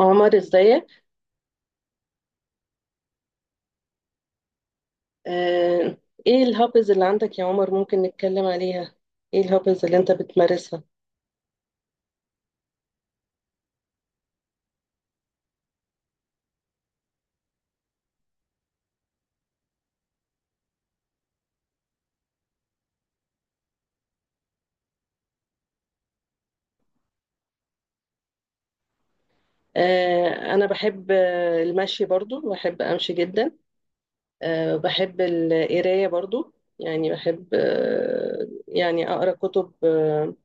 عمر، ازيك؟ آه. ايه الهابز اللي عندك يا عمر؟ ممكن نتكلم عليها؟ ايه الهابز اللي انت بتمارسها؟ آه، انا بحب المشي، برضو بحب امشي جدا. بحب القرايه برضو. يعني بحب يعني اقرا كتب، آه،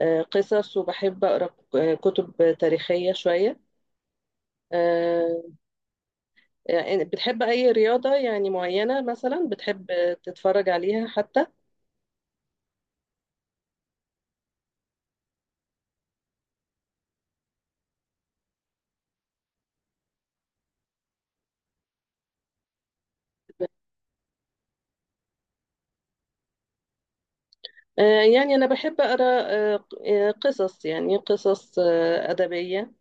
آه، قصص، وبحب اقرا كتب تاريخيه شويه. آه، يعني بتحب اي رياضه يعني معينه، مثلا بتحب تتفرج عليها حتى؟ آه، يعني أنا بحب أقرأ قصص، يعني قصص أدبية،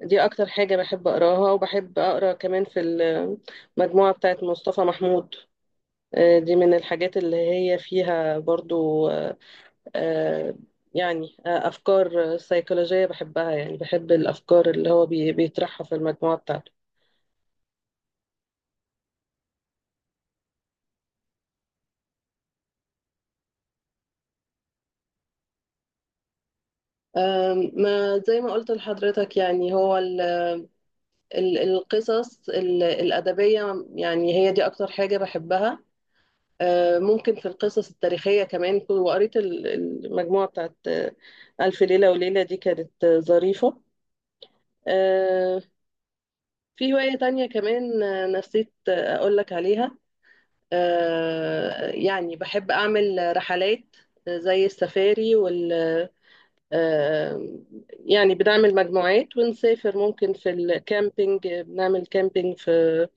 دي أكتر حاجة بحب أقراها. وبحب أقرأ كمان في المجموعة بتاعت مصطفى محمود، دي من الحاجات اللي هي فيها برضو آه، يعني أفكار سيكولوجية بحبها، يعني بحب الأفكار اللي هو بيطرحها في المجموعة بتاعته. ما زي ما قلت لحضرتك، يعني هو القصص الأدبية يعني هي دي أكتر حاجة بحبها. ممكن في القصص التاريخية كمان، وقريت المجموعة بتاعت ألف ليلة وليلة، دي كانت ظريفة. آه، في هواية تانية كمان، نسيت أقولك عليها، يعني بحب أعمل رحلات زي السفاري وال آه، يعني بنعمل مجموعات ونسافر، ممكن في الكامبينج، بنعمل كامبينج في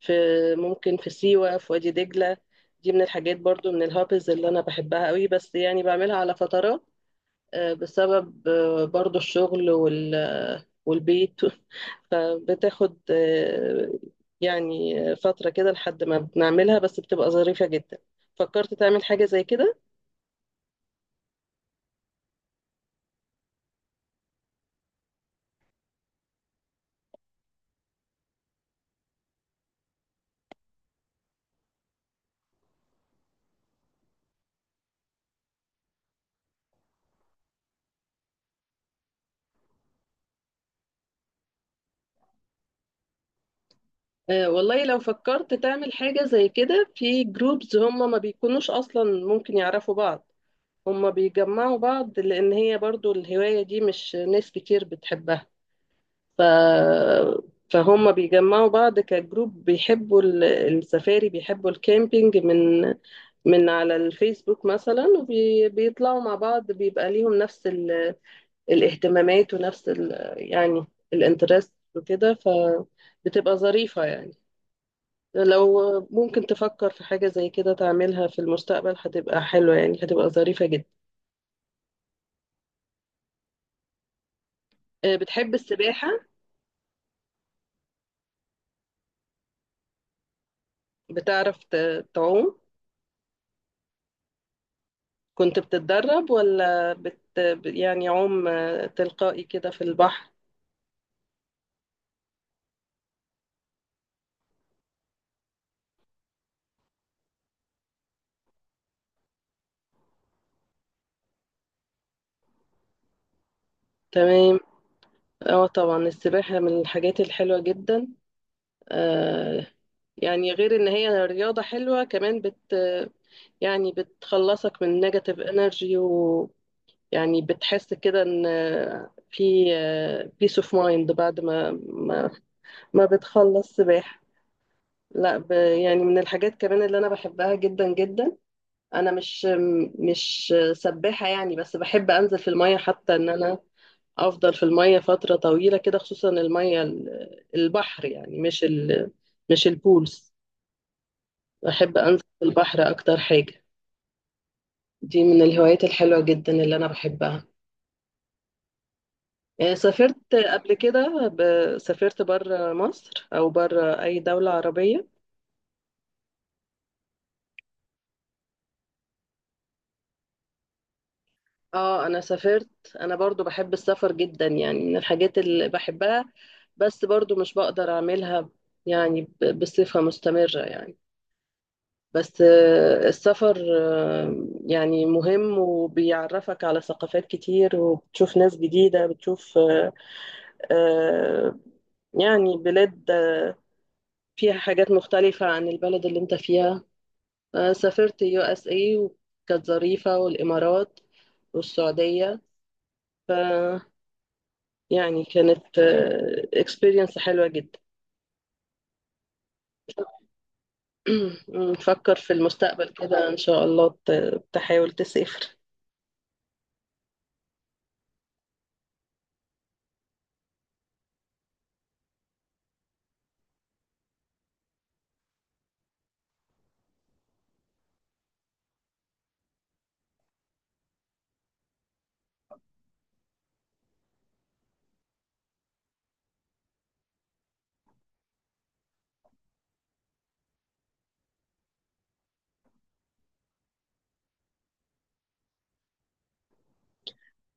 في ممكن في سيوة، في وادي دجلة. دي من الحاجات برضو، من الهابز اللي أنا بحبها قوي، بس يعني بعملها على فترات بسبب برضو الشغل والبيت فبتاخد يعني فترة كده لحد ما بنعملها، بس بتبقى ظريفة جدا. فكرت تعمل حاجة زي كده؟ والله، لو فكرت تعمل حاجة زي كده، في جروبز هم ما بيكونوش أصلا ممكن يعرفوا بعض، هما بيجمعوا بعض، لأن هي برضو الهواية دي مش ناس كتير بتحبها. ف... فهم بيجمعوا بعض كجروب، بيحبوا السفاري، بيحبوا الكامبينج من من على الفيسبوك مثلا، وبيطلعوا مع بعض، بيبقى ليهم نفس الاهتمامات، ونفس يعني الانترست، وكده. فبتبقى ظريفة يعني، لو ممكن تفكر في حاجة زي كده تعملها في المستقبل هتبقى حلوة، يعني هتبقى ظريفة جدا. بتحب السباحة؟ بتعرف تعوم؟ كنت بتتدرب، ولا يعني عوم تلقائي كده في البحر؟ تمام. اه طبعا، السباحة من الحاجات الحلوة جدا. آه يعني غير ان هي رياضة حلوة، كمان يعني بتخلصك من نيجاتيف انرجي، ويعني بتحس كده ان في بيس اوف مايند بعد ما بتخلص سباحة. لا، يعني من الحاجات كمان اللي انا بحبها جدا جدا. انا مش سباحة يعني، بس بحب انزل في المية، حتى ان انا افضل في المية فترة طويلة كده، خصوصا المية البحر، يعني مش البولز. بحب انزل في البحر اكتر حاجة، دي من الهوايات الحلوة جدا اللي انا بحبها. سافرت قبل كده سافرت بره مصر، او بره اي دولة عربية؟ اه انا سافرت، انا برضو بحب السفر جدا، يعني من الحاجات اللي بحبها، بس برضو مش بقدر اعملها يعني بصفة مستمرة يعني. بس السفر يعني مهم، وبيعرفك على ثقافات كتير، وبتشوف ناس جديدة، بتشوف آه، يعني بلاد فيها حاجات مختلفة عن البلد اللي انت فيها. سافرت USA وكانت ظريفة، والامارات، والسعودية، يعني كانت اكسبيرينس حلوة جدا. نفكر في المستقبل كده إن شاء الله تحاول تسافر.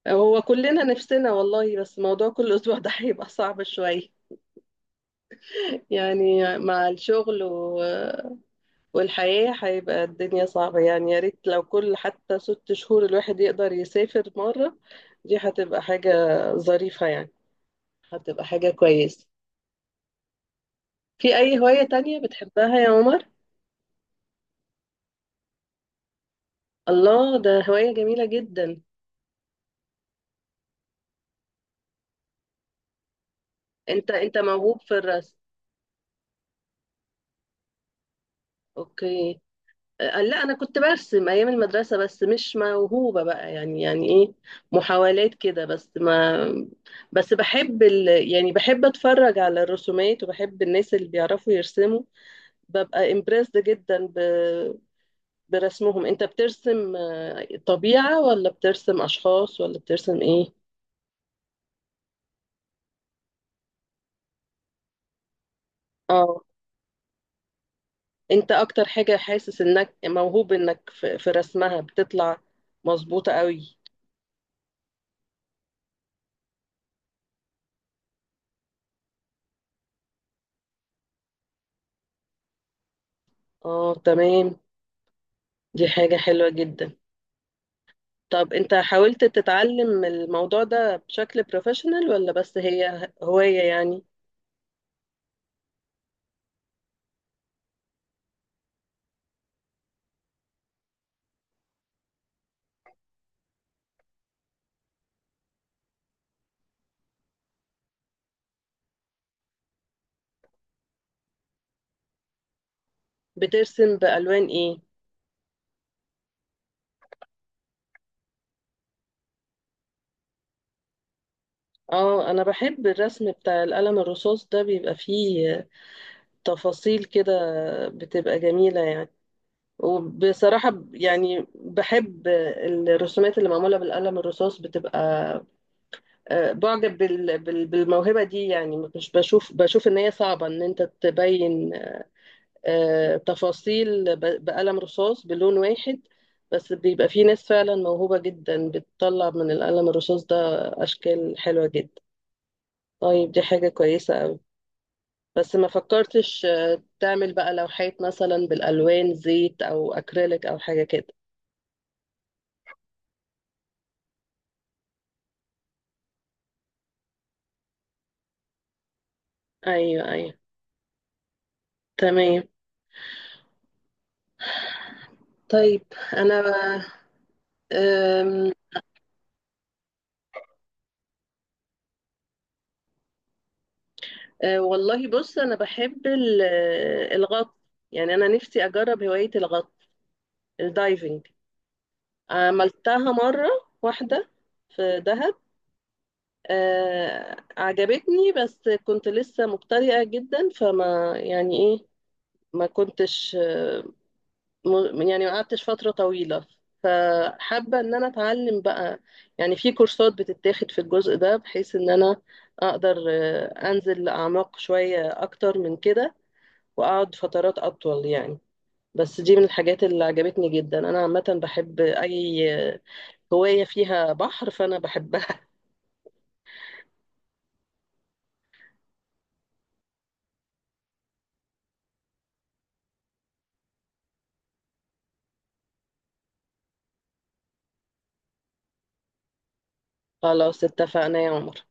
هو كلنا نفسنا والله، بس موضوع كل أسبوع ده هيبقى صعب شوية، يعني مع الشغل والحياة، هيبقى الدنيا صعبة. يعني يا ريت لو كل، حتى 6 شهور، الواحد يقدر يسافر مرة، دي هتبقى حاجة ظريفة يعني، هتبقى حاجة كويسة. في أي هواية تانية بتحبها يا عمر؟ الله، ده هواية جميلة جدا. انت موهوب في الرسم؟ اوكي. لا، انا كنت برسم ايام المدرسه، بس مش موهوبه بقى. يعني ايه، محاولات كده بس ما. بس بحب يعني بحب اتفرج على الرسومات، وبحب الناس اللي بيعرفوا يرسموا، ببقى امبرسد جدا برسمهم. انت بترسم طبيعه، ولا بترسم اشخاص، ولا بترسم ايه؟ اه، انت اكتر حاجه حاسس انك موهوب، انك في رسمها بتطلع مظبوطه قوي؟ اه تمام، دي حاجة حلوة جدا. طب انت حاولت تتعلم الموضوع ده بشكل بروفيشنال، ولا بس هي هواية يعني؟ بترسم بألوان ايه؟ اه انا بحب الرسم بتاع القلم الرصاص ده، بيبقى فيه تفاصيل كده بتبقى جميلة يعني. وبصراحة يعني بحب الرسومات اللي معمولة بالقلم الرصاص، بتبقى بعجب بالموهبة دي، يعني مش بشوف ان هي صعبة ان انت تبين تفاصيل بقلم رصاص بلون واحد، بس بيبقى في ناس فعلا موهوبة جدا بتطلع من القلم الرصاص ده أشكال حلوة جدا. طيب، دي حاجة كويسة أوي، بس ما فكرتش تعمل بقى لوحات مثلا بالألوان، زيت أو أكريليك أو حاجة كده؟ أيوه، أيوه، تمام. طيب، أنا أم، أه، والله بص، أنا بحب الغطس، يعني أنا نفسي أجرب هواية الغطس، الدايفنج، عملتها مرة واحدة في دهب. عجبتني، بس كنت لسه مبتدئة جدا فما، يعني ايه، ما كنتش يعني ما قعدتش فترة طويلة. فحابة ان انا اتعلم بقى، يعني في كورسات بتتاخد في الجزء ده، بحيث ان انا اقدر انزل اعماق شوية اكتر من كده، واقعد فترات اطول يعني. بس دي من الحاجات اللي عجبتني جدا، انا عامة بحب اي هواية فيها بحر فأنا بحبها. خلاص اتفقنا يا عمر،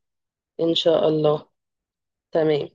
إن شاء الله. تمام.